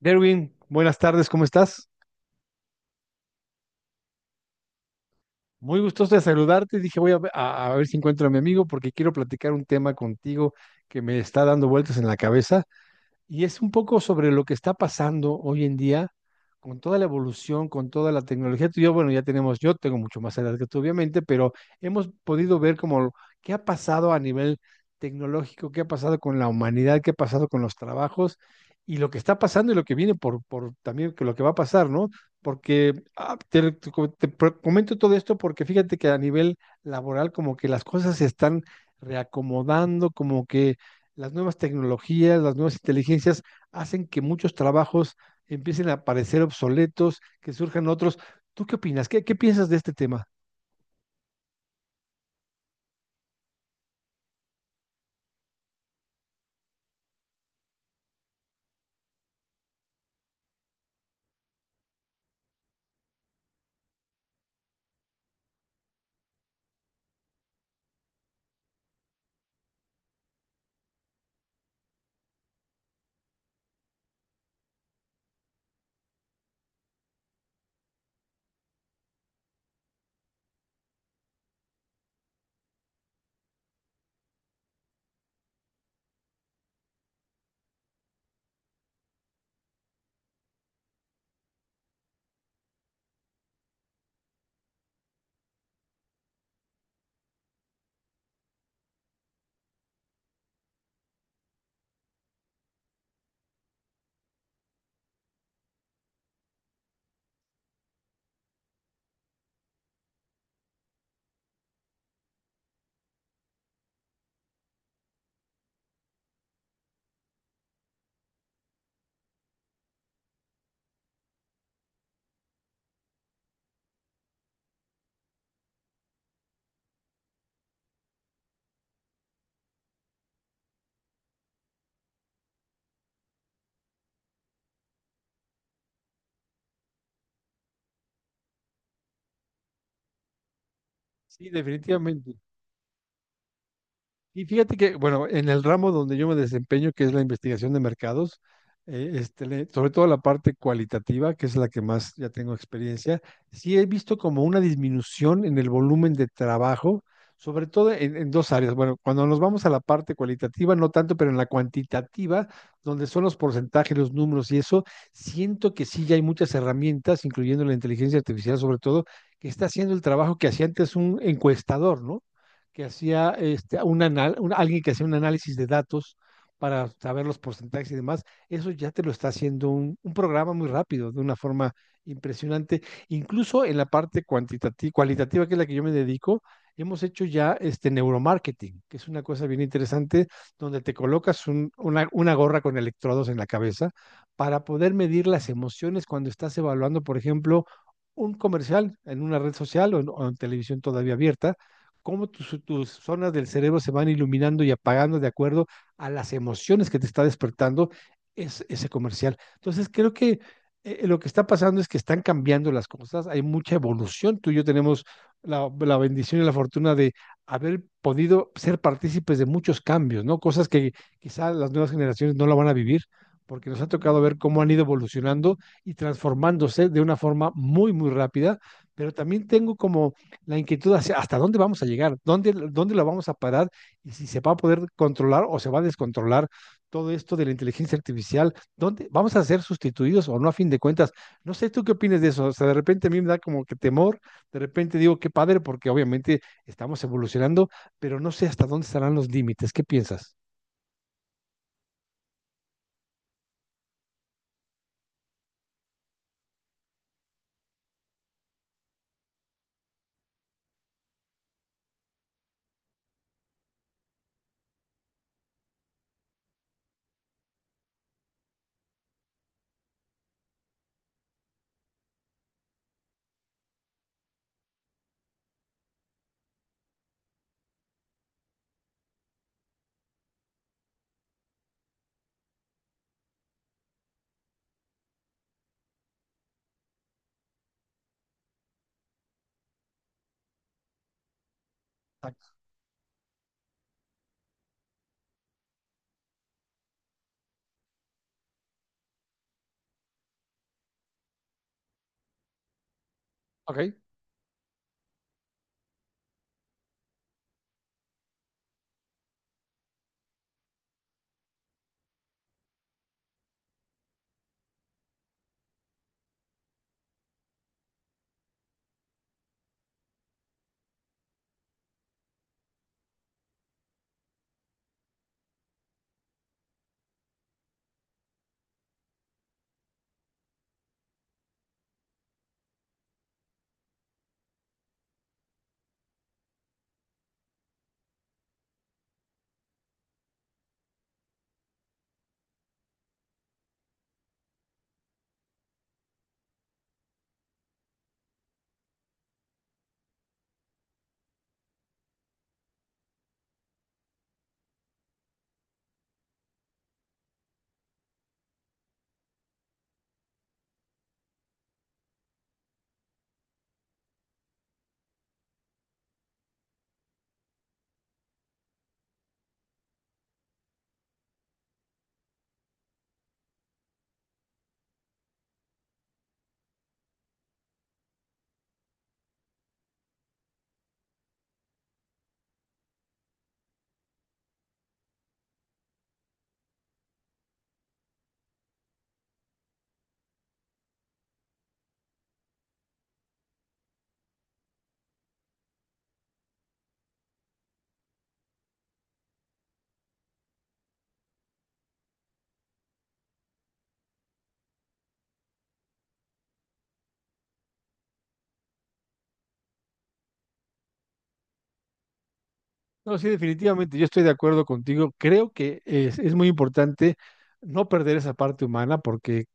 Derwin, buenas tardes, ¿cómo estás? Muy gustoso de saludarte. Dije, voy a, a ver si encuentro a mi amigo porque quiero platicar un tema contigo que me está dando vueltas en la cabeza. Y es un poco sobre lo que está pasando hoy en día con toda la evolución, con toda la tecnología. Tú y yo, bueno, ya tenemos, yo tengo mucho más edad que tú, obviamente, pero hemos podido ver como qué ha pasado a nivel tecnológico, qué ha pasado con la humanidad, qué ha pasado con los trabajos y lo que está pasando y lo que viene por también que lo que va a pasar, ¿no? Porque te, te co- te pro- comento todo esto porque fíjate que a nivel laboral como que las cosas se están reacomodando, como que las nuevas tecnologías, las nuevas inteligencias hacen que muchos trabajos empiecen a parecer obsoletos, que surjan otros. ¿Tú qué opinas? ¿Qué piensas de este tema? Sí, definitivamente. Y fíjate que, bueno, en el ramo donde yo me desempeño, que es la investigación de mercados, este, sobre todo la parte cualitativa, que es la que más ya tengo experiencia, sí he visto como una disminución en el volumen de trabajo, sobre todo en dos áreas. Bueno, cuando nos vamos a la parte cualitativa, no tanto, pero en la cuantitativa, donde son los porcentajes, los números y eso, siento que sí ya hay muchas herramientas, incluyendo la inteligencia artificial sobre todo, que está haciendo el trabajo que hacía antes un encuestador, ¿no? Que hacía este, un alguien que hacía un análisis de datos para saber los porcentajes y demás, eso ya te lo está haciendo un programa muy rápido, de una forma impresionante. Incluso en la parte cuantitativa, cualitativa, que es la que yo me dedico, hemos hecho ya este neuromarketing, que es una cosa bien interesante, donde te colocas gorra con electrodos en la cabeza para poder medir las emociones cuando estás evaluando, por ejemplo, un comercial en una red social o en televisión todavía abierta, cómo tus zonas del cerebro se van iluminando y apagando de acuerdo a las emociones que te está despertando ese comercial. Entonces, creo que lo que está pasando es que están cambiando las cosas, hay mucha evolución. Tú y yo tenemos la bendición y la fortuna de haber podido ser partícipes de muchos cambios, ¿no? Cosas que quizá las nuevas generaciones no la van a vivir porque nos ha tocado ver cómo han ido evolucionando y transformándose de una forma muy, muy rápida, pero también tengo como la inquietud hacia hasta dónde vamos a llegar, dónde la vamos a parar y si se va a poder controlar o se va a descontrolar todo esto de la inteligencia artificial, dónde vamos a ser sustituidos o no a fin de cuentas. No sé tú qué opinas de eso, o sea, de repente a mí me da como que temor, de repente digo qué padre porque obviamente estamos evolucionando, pero no sé hasta dónde estarán los límites. ¿Qué piensas? Exacto. Ok. No, sí, definitivamente, yo estoy de acuerdo contigo. Creo que es muy importante no perder esa parte humana, porque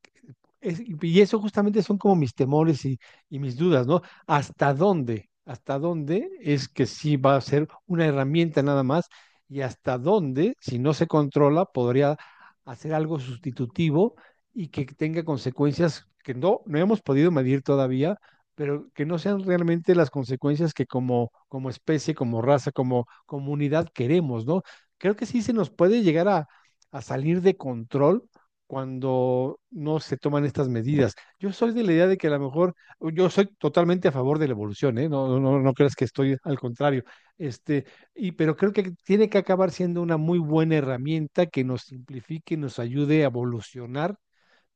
y eso justamente son como mis temores y mis dudas, ¿no? ¿Hasta dónde? ¿Hasta dónde es que sí va a ser una herramienta nada más? Y hasta dónde, si no se controla, podría hacer algo sustitutivo y que tenga consecuencias que no hemos podido medir todavía, pero que no sean realmente las consecuencias que como, como especie, como raza, como comunidad queremos, ¿no? Creo que sí se nos puede llegar a salir de control cuando no se toman estas medidas. Yo soy de la idea de que a lo mejor, yo soy totalmente a favor de la evolución, ¿eh? No, no, no creas que estoy al contrario. Este, y, pero creo que tiene que acabar siendo una muy buena herramienta que nos simplifique, nos ayude a evolucionar,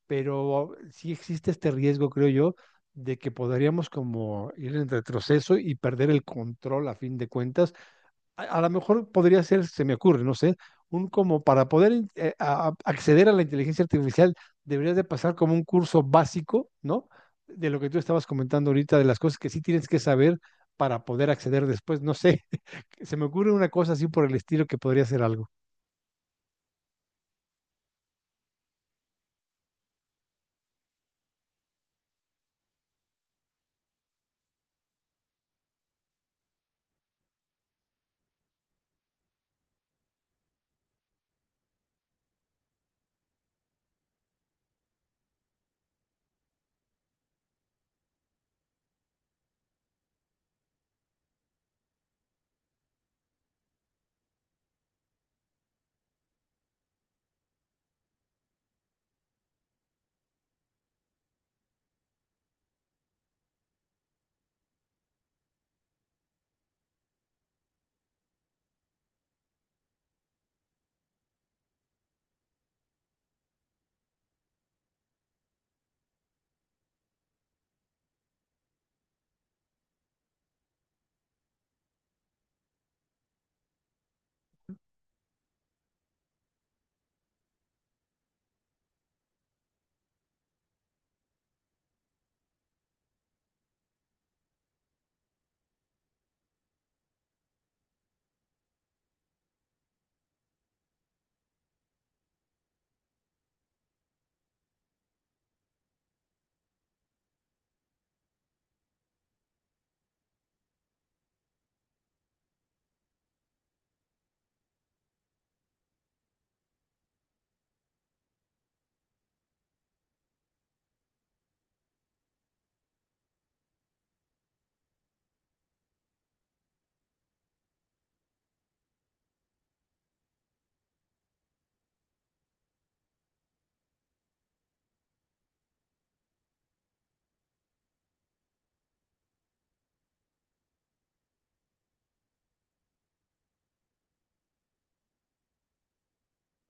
pero sí existe este riesgo, creo yo, de que podríamos como ir en retroceso y perder el control a fin de cuentas. A lo mejor podría ser, se me ocurre, no sé, un como para poder acceder a la inteligencia artificial, deberías de pasar como un curso básico, ¿no? De lo que tú estabas comentando ahorita, de las cosas que sí tienes que saber para poder acceder después, no sé, se me ocurre una cosa así por el estilo que podría ser algo.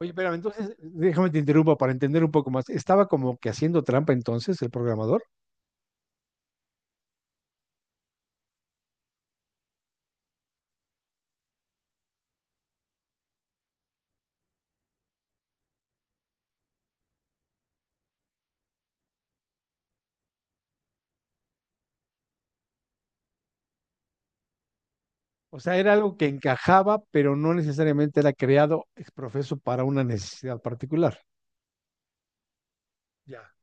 Oye, pero entonces, déjame te interrumpa para entender un poco más. ¿Estaba como que haciendo trampa entonces el programador? O sea, era algo que encajaba, pero no necesariamente era creado ex profeso para una necesidad particular. Ya.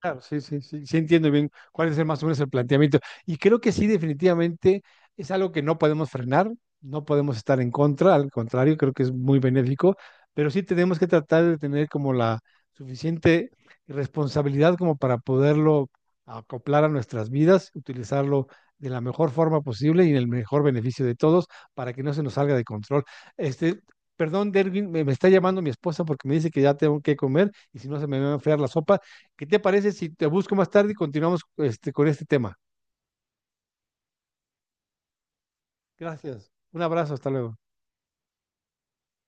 Claro, sí, sí, sí, sí entiendo bien cuál es más o menos el planteamiento. Y creo que sí, definitivamente es algo que no podemos frenar, no podemos estar en contra, al contrario, creo que es muy benéfico, pero sí tenemos que tratar de tener como la suficiente responsabilidad como para poderlo acoplar a nuestras vidas, utilizarlo de la mejor forma posible y en el mejor beneficio de todos para que no se nos salga de control. Este, perdón, Derwin, me está llamando mi esposa porque me dice que ya tengo que comer y si no se me va a enfriar la sopa. ¿Qué te parece si te busco más tarde y continuamos este, con este tema? Gracias. Un abrazo, hasta luego.